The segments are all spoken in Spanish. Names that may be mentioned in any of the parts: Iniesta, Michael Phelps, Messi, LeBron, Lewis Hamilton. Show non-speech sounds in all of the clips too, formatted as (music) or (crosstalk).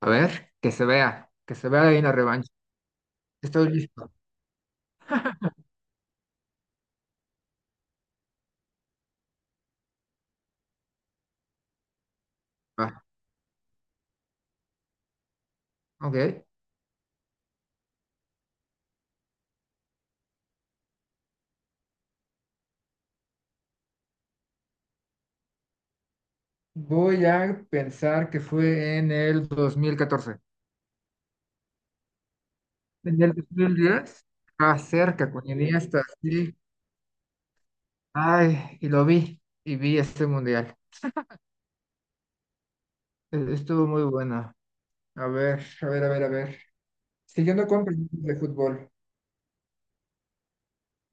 A ver, que se vea ahí una revancha. Estoy listo. Va, ok. Voy a pensar que fue en el 2014. En el 2010, estaba cerca con Iniesta, sí. Ay, y lo vi, y vi este mundial. Estuvo muy bueno. A ver, a ver, a ver, a ver. Siguiendo con preguntas de fútbol,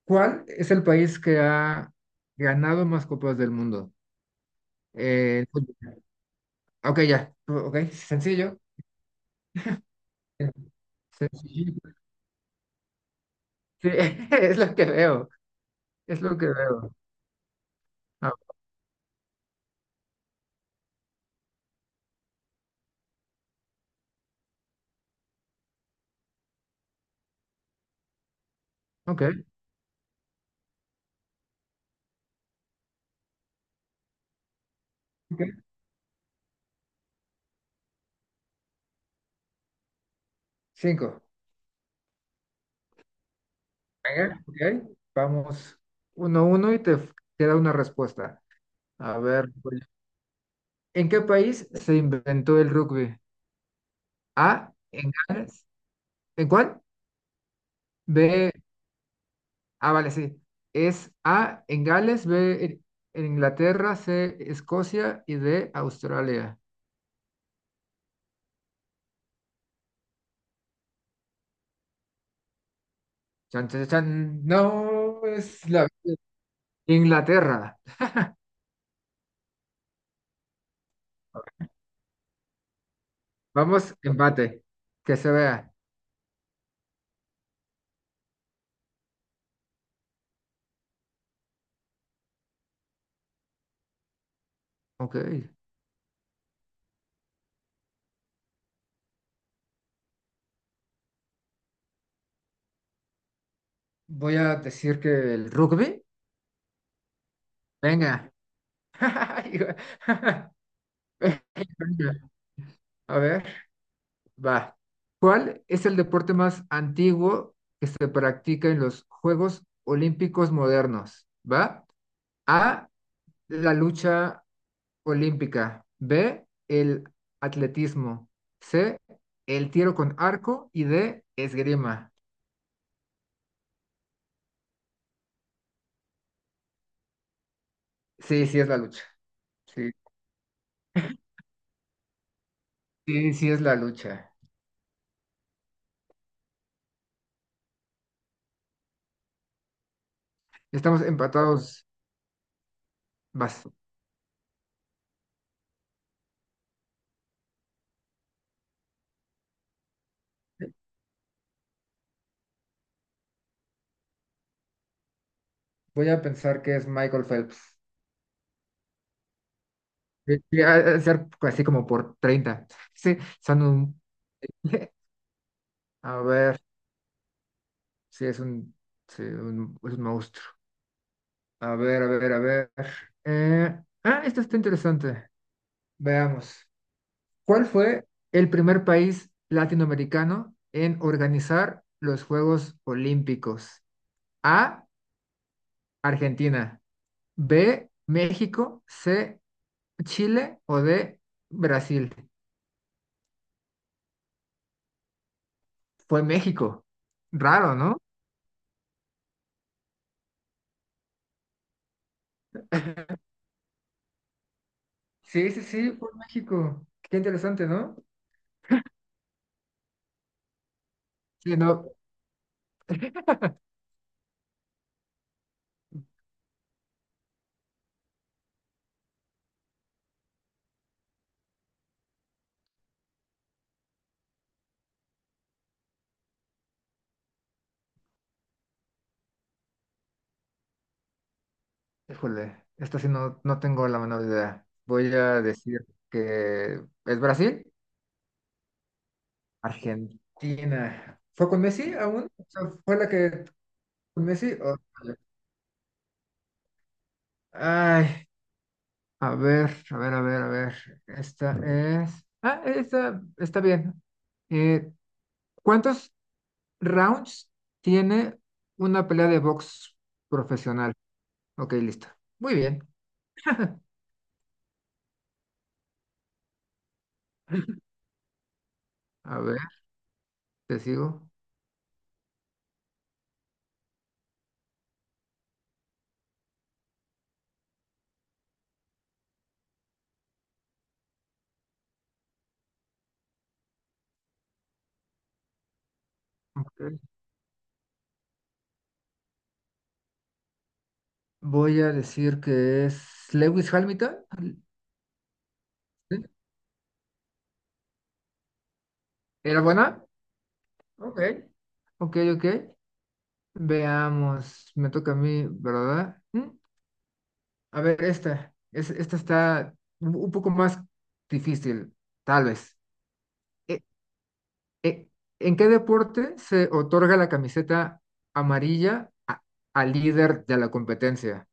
¿cuál es el país que ha ganado más copas del mundo? Fútbol. Ok, ya, ok, sencillo. Sencillo. Sí, (laughs) es lo que veo, es lo que veo. Ah, ok, ok. Cinco. Venga, ok. Vamos uno uno y queda una respuesta. A ver, voy yo. ¿En qué país se inventó el rugby? A, en Gales. ¿En cuál? B, ah, vale, sí. Es A, en Gales; B, en Inglaterra; C, Escocia y D, Australia. Chan, chan, chan. No, es la Inglaterra. Vamos, empate. Que se vea. Ok. Voy a decir que el rugby. Venga. (laughs) Venga, a ver, va. ¿Cuál es el deporte más antiguo que se practica en los Juegos Olímpicos modernos? ¿Va? A, la lucha olímpica. B, el atletismo. C, el tiro con arco. Y D, esgrima. Sí, sí es la lucha. Sí, sí, sí es la lucha. Estamos empatados. Vas. Voy a pensar que es Michael Phelps. Sí, sí, ha de ser así como por 30. Sí, son un... (laughs) A ver, sí, es un, sí, un, es un monstruo. A ver, a ver, a ver. Esto está interesante. Veamos. ¿Cuál fue el primer país latinoamericano en organizar los Juegos Olímpicos? A, Argentina. B, México. C, Chile o D, Brasil. Fue México. Raro, ¿no? Sí, sí, sí, fue México. Qué interesante, ¿no? Sí, no. Híjole, esto sí no, no tengo la menor idea. Voy a decir que es Brasil, Argentina. ¿Fue con Messi aún? O sea, ¿fue la que con Messi? Vale. Ay, a ver, a ver, a ver, a ver. Esta es. Ah, esta está bien. Eh, ¿Cuántos rounds tiene una pelea de box profesional? Ok, lista. Muy bien. (laughs) A ver, te sigo. Ok. Voy a decir que es Lewis Hamilton. ¿Sí? ¿Era buena? Ok. Ok, ok. Veamos. Me toca a mí, ¿verdad? Mm. A ver, esta. Esta está un poco más difícil, tal vez. E- e- ¿En qué deporte se otorga la camiseta amarilla al líder de la competencia?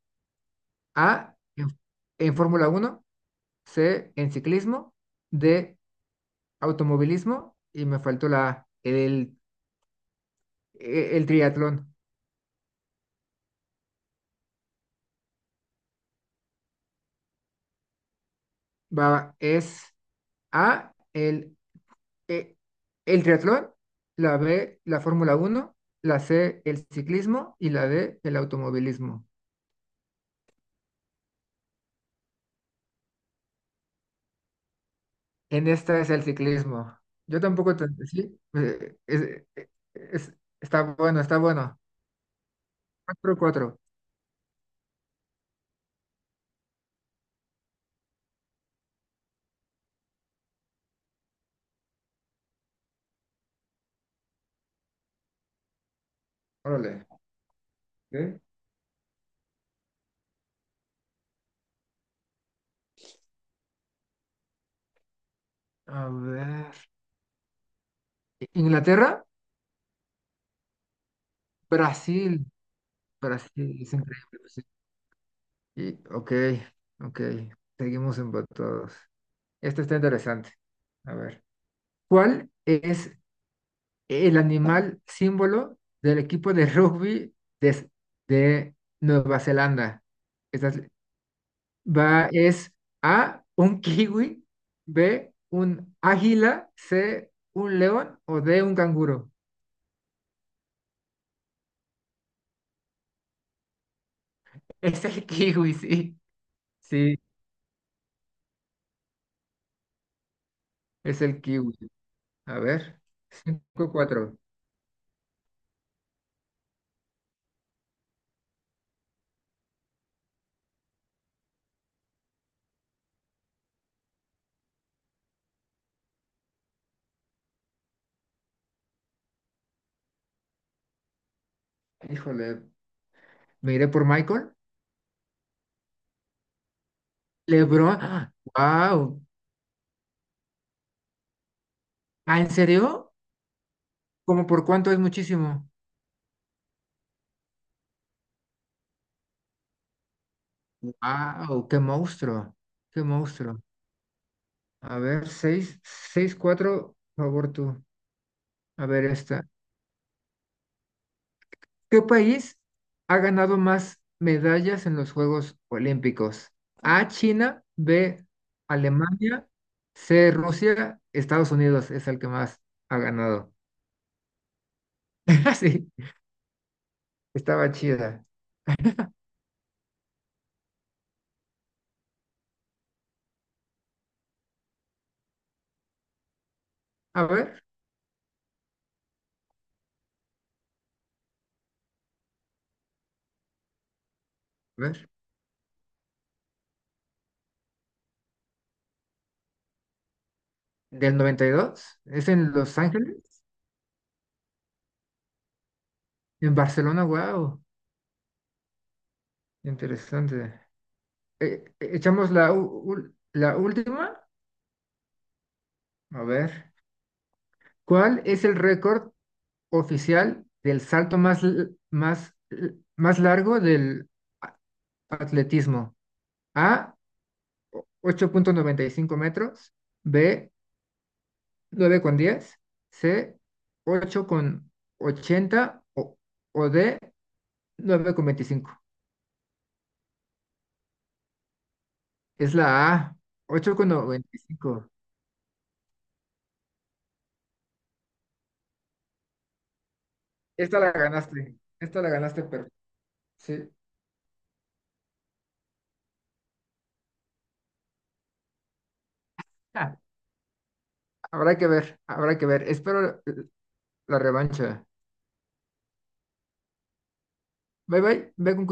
A, en Fórmula Uno. C, en ciclismo; D, automovilismo, y me faltó la A, el triatlón. Va, es A, e- el triatlón; la B, la Fórmula uno; la C, el ciclismo y la D, el automovilismo. En esta es el ciclismo. Yo tampoco, sí, es- está bueno, está bueno. Cuatro cuatro. Órale. Ok. A ver. Inglaterra, Brasil. Pero sí, es increíble. Pues, sí. Y, ok, ok. Seguimos empatados. Esta está interesante. A ver. ¿Cuál es el animal símbolo del equipo de rugby de, de Nueva Zelanda? Esta es- Va, es A, un kiwi; B, un águila; C, un león o D, un canguro. Es el kiwi, sí. Sí, es el kiwi. A ver. Cinco cuatro. Híjole, me iré por Michael. LeBron. Wow. ¿Ah, en serio? ¿Cómo por cuánto es muchísimo? Wow, qué monstruo. Qué monstruo. A ver, seis, seis, cuatro, por favor tú. A ver esta. ¿Qué país ha ganado más medallas en los Juegos Olímpicos? A, China; B, Alemania; C, Rusia. Estados Unidos es el que más ha ganado. (laughs) Sí, estaba chida. A ver, a ver. Del 92 es en Los Ángeles. En Barcelona, wow, interesante. Echamos la última, a ver, ¿cuál es el récord oficial del salto más largo del atletismo? A, 8.95 metros; B, 9,10; C, 8,80, o D, 9,25. Es la A, 8.95. Esta la ganaste, esta la ganaste, pero sí. Ah, habrá que ver, habrá que ver. Espero la revancha. Bye bye, ve con cuidado.